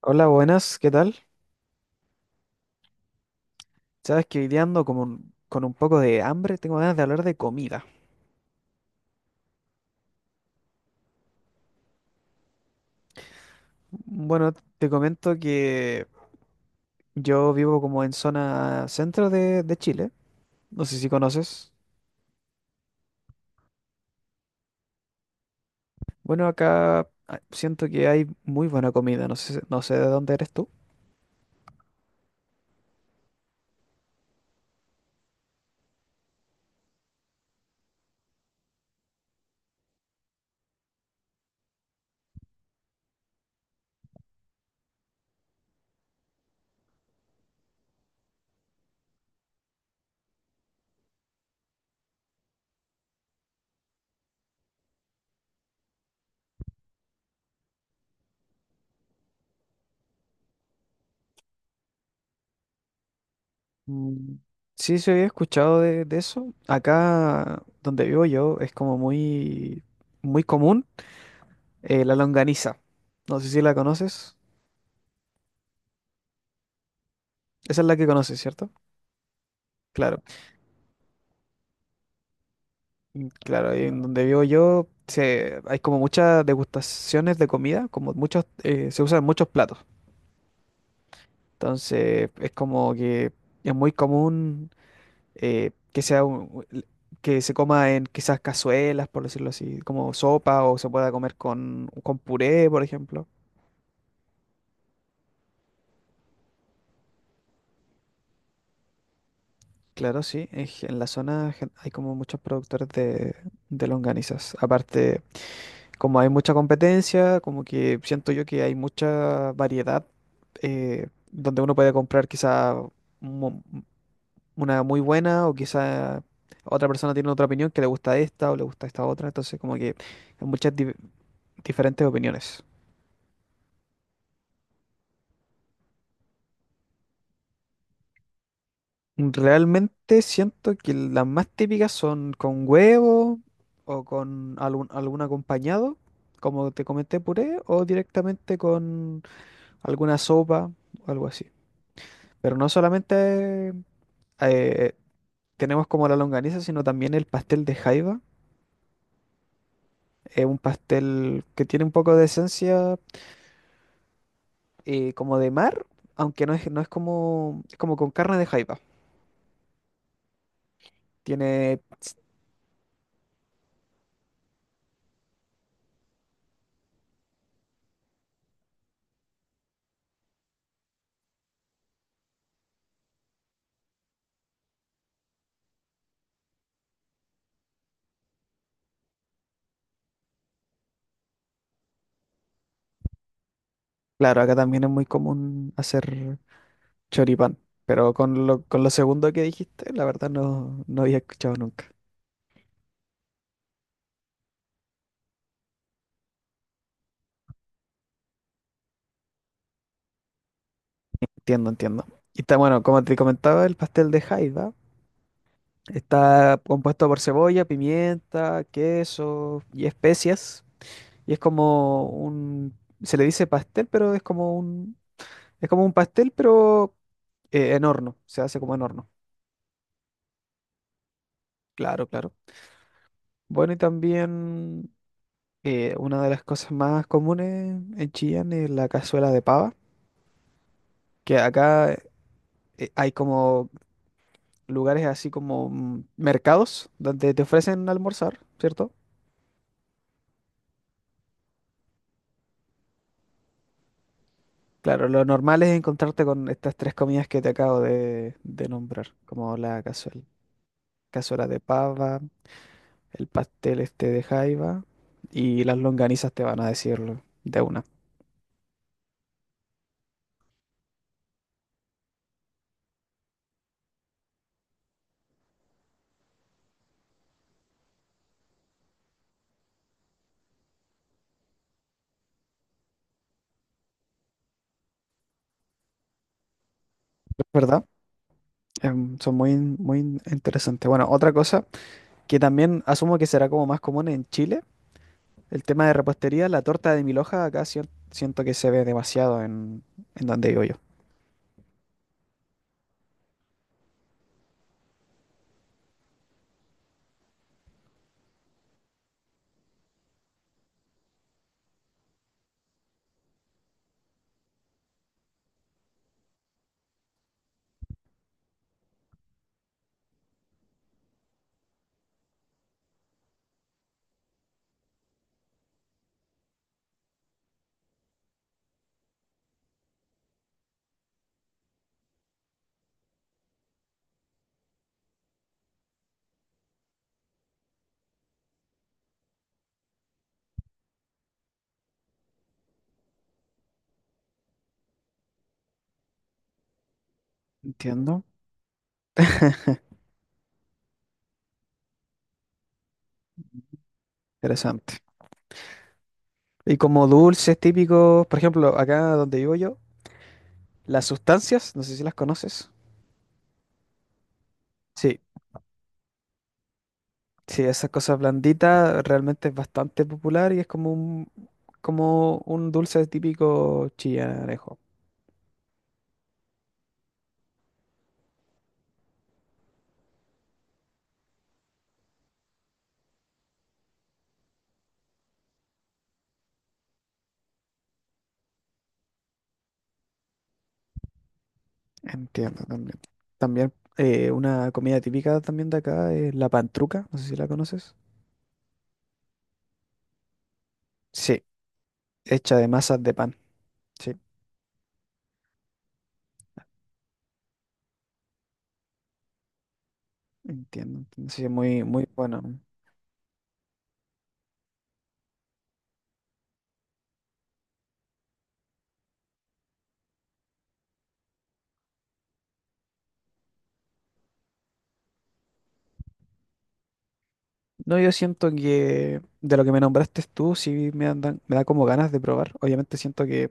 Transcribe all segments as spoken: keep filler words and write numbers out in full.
Hola, buenas, ¿qué tal? Sabes que hoy día ando como un- con un poco de hambre, tengo ganas de hablar de comida. Bueno, te comento que yo vivo como en zona centro de, de Chile, no sé si conoces. Bueno, acá ah, siento que hay muy buena comida, no sé, no sé de dónde eres tú. Mm, sí, se había escuchado de, de eso. Acá donde vivo yo es como muy, muy común eh, la longaniza. No sé si la conoces. Esa es la que conoces, ¿cierto? Claro. Mm, claro, ahí en donde vivo yo se, hay como muchas degustaciones de comida, como muchos, eh, se usan muchos platos. Entonces es como que es muy común eh, que sea un- que se coma en quizás cazuelas, por decirlo así, como sopa o se pueda comer con, con puré, por ejemplo. Claro, sí, en, gen- en la zona gen- hay como muchos productores de, de longanizas. Aparte, como hay mucha competencia, como que siento yo que hay mucha variedad, eh, donde uno puede comprar quizá mu- una muy buena o quizá otra persona tiene otra opinión que le gusta esta o le gusta esta otra. Entonces como que hay muchas di- diferentes opiniones. Realmente siento que las más típicas son con huevo o con algún, algún acompañado, como te comenté, puré, o directamente con alguna sopa o algo así. Pero no solamente eh, tenemos como la longaniza, sino también el pastel de jaiba. Es un pastel que tiene un poco de esencia, eh, como de mar, aunque no es, no es como, es como con carne de jaiba. Tiene, claro, acá también es muy común hacer choripán, pero con lo, con lo segundo que dijiste, la verdad no, no había escuchado nunca. Entiendo, entiendo. Y está bueno, como te comentaba, el pastel de jaiba está compuesto por cebolla, pimienta, queso y especias. Y es como un, se le dice pastel, pero es como un, es como un pastel, pero eh, en horno, se hace como en horno. Claro, claro. Bueno, y también eh, una de las cosas más comunes en Chillán es la cazuela de pava, que acá eh, hay como lugares así como mm, mercados donde te ofrecen almorzar, ¿cierto? Claro, lo normal es encontrarte con estas tres comidas que te acabo de, de nombrar, como la cazuela, cazuela de pava, el pastel este de jaiba y las longanizas te van a decirlo de una. Es ¿verdad? Em, son muy, in- muy in- interesantes. Bueno, otra cosa que también asumo que será como más común en Chile, el tema de repostería, la torta de mil hojas acá sien- siento que se ve demasiado en, en donde vivo yo. Entiendo. Interesante. Y como dulces típicos, por ejemplo, acá donde vivo yo, las sustancias, no sé si las conoces. Sí, sí, esa cosa blandita realmente es bastante popular y es como un, como un dulce típico chillanejo. Entiendo también. También eh, una comida típica también de acá es la pantruca, no sé si la conoces. Sí, hecha de masas de pan. Sí, entiendo, entiendo. Sí, es muy, muy bueno. No, yo siento que de lo que me nombraste tú, sí me andan, me da como ganas de probar. Obviamente siento que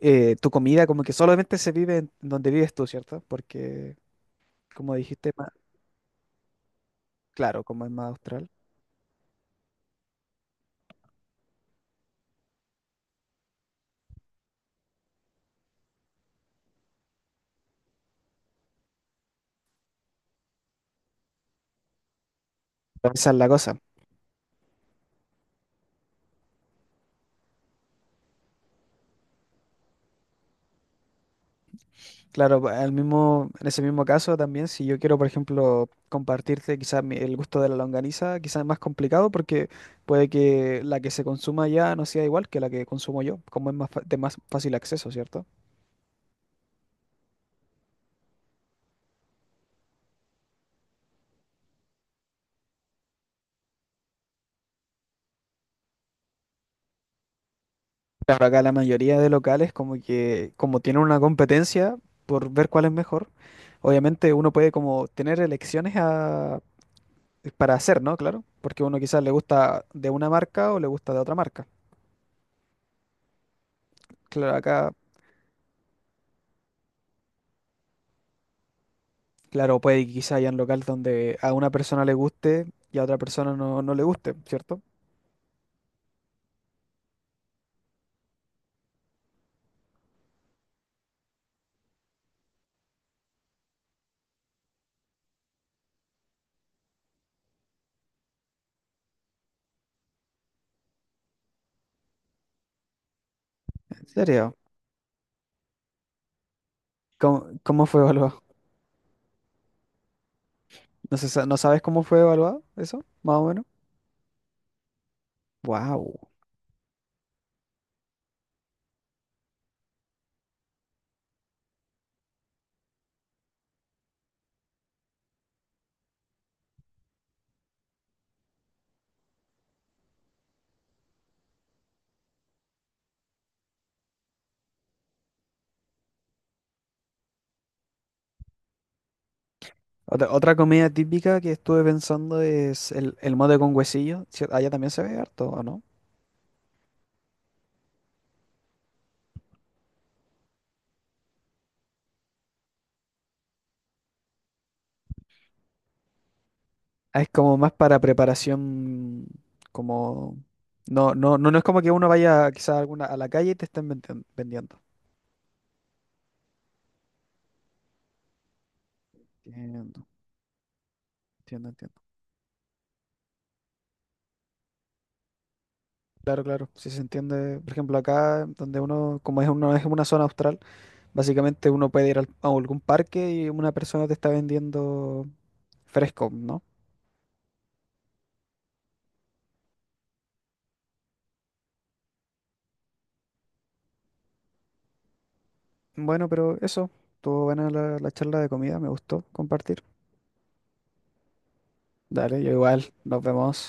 eh, tu comida como que solamente se vive en donde vives tú, ¿cierto? Porque, como dijiste, claro, como es más austral. Pero esa es la cosa. Claro, pa- al mismo, en ese mismo caso también, si yo quiero, por ejemplo, compartirte quizás mi- el gusto de la longaniza, quizás es más complicado porque puede que la que se consuma allá no sea igual que la que consumo yo, como es más fa- de más fácil acceso, ¿cierto? Claro, acá la mayoría de locales como que, como tienen una competencia por ver cuál es mejor, obviamente uno puede como tener elecciones a- para hacer, ¿no? Claro, porque uno quizás le gusta de una marca o le gusta de otra marca. Claro, acá. Claro, puede que quizá hayan local donde a una persona le guste y a otra persona no, no le guste, ¿cierto? ¿En serio? ¿Cómo, cómo fue evaluado? ¿No se sa- no sabes cómo fue evaluado eso? Más o menos. Wow. Otra, otra comida típica que estuve pensando es el, el mote con huesillo. ¿Cier-? Allá también se ve harto, ¿o no? Ah, es como más para preparación, como... No, no, no, no es como que uno vaya quizá a alguna, a la calle y te estén vendi- vendiendo. Entiendo, entiendo, entiendo. Claro, claro, si se entiende, por ejemplo, acá donde uno, como es uno, es una zona austral, básicamente uno puede ir al- a algún parque y una persona te está vendiendo fresco, ¿no? Bueno, pero eso, estuvo buena la, la charla de comida, me gustó compartir. Dale, yo igual, nos vemos.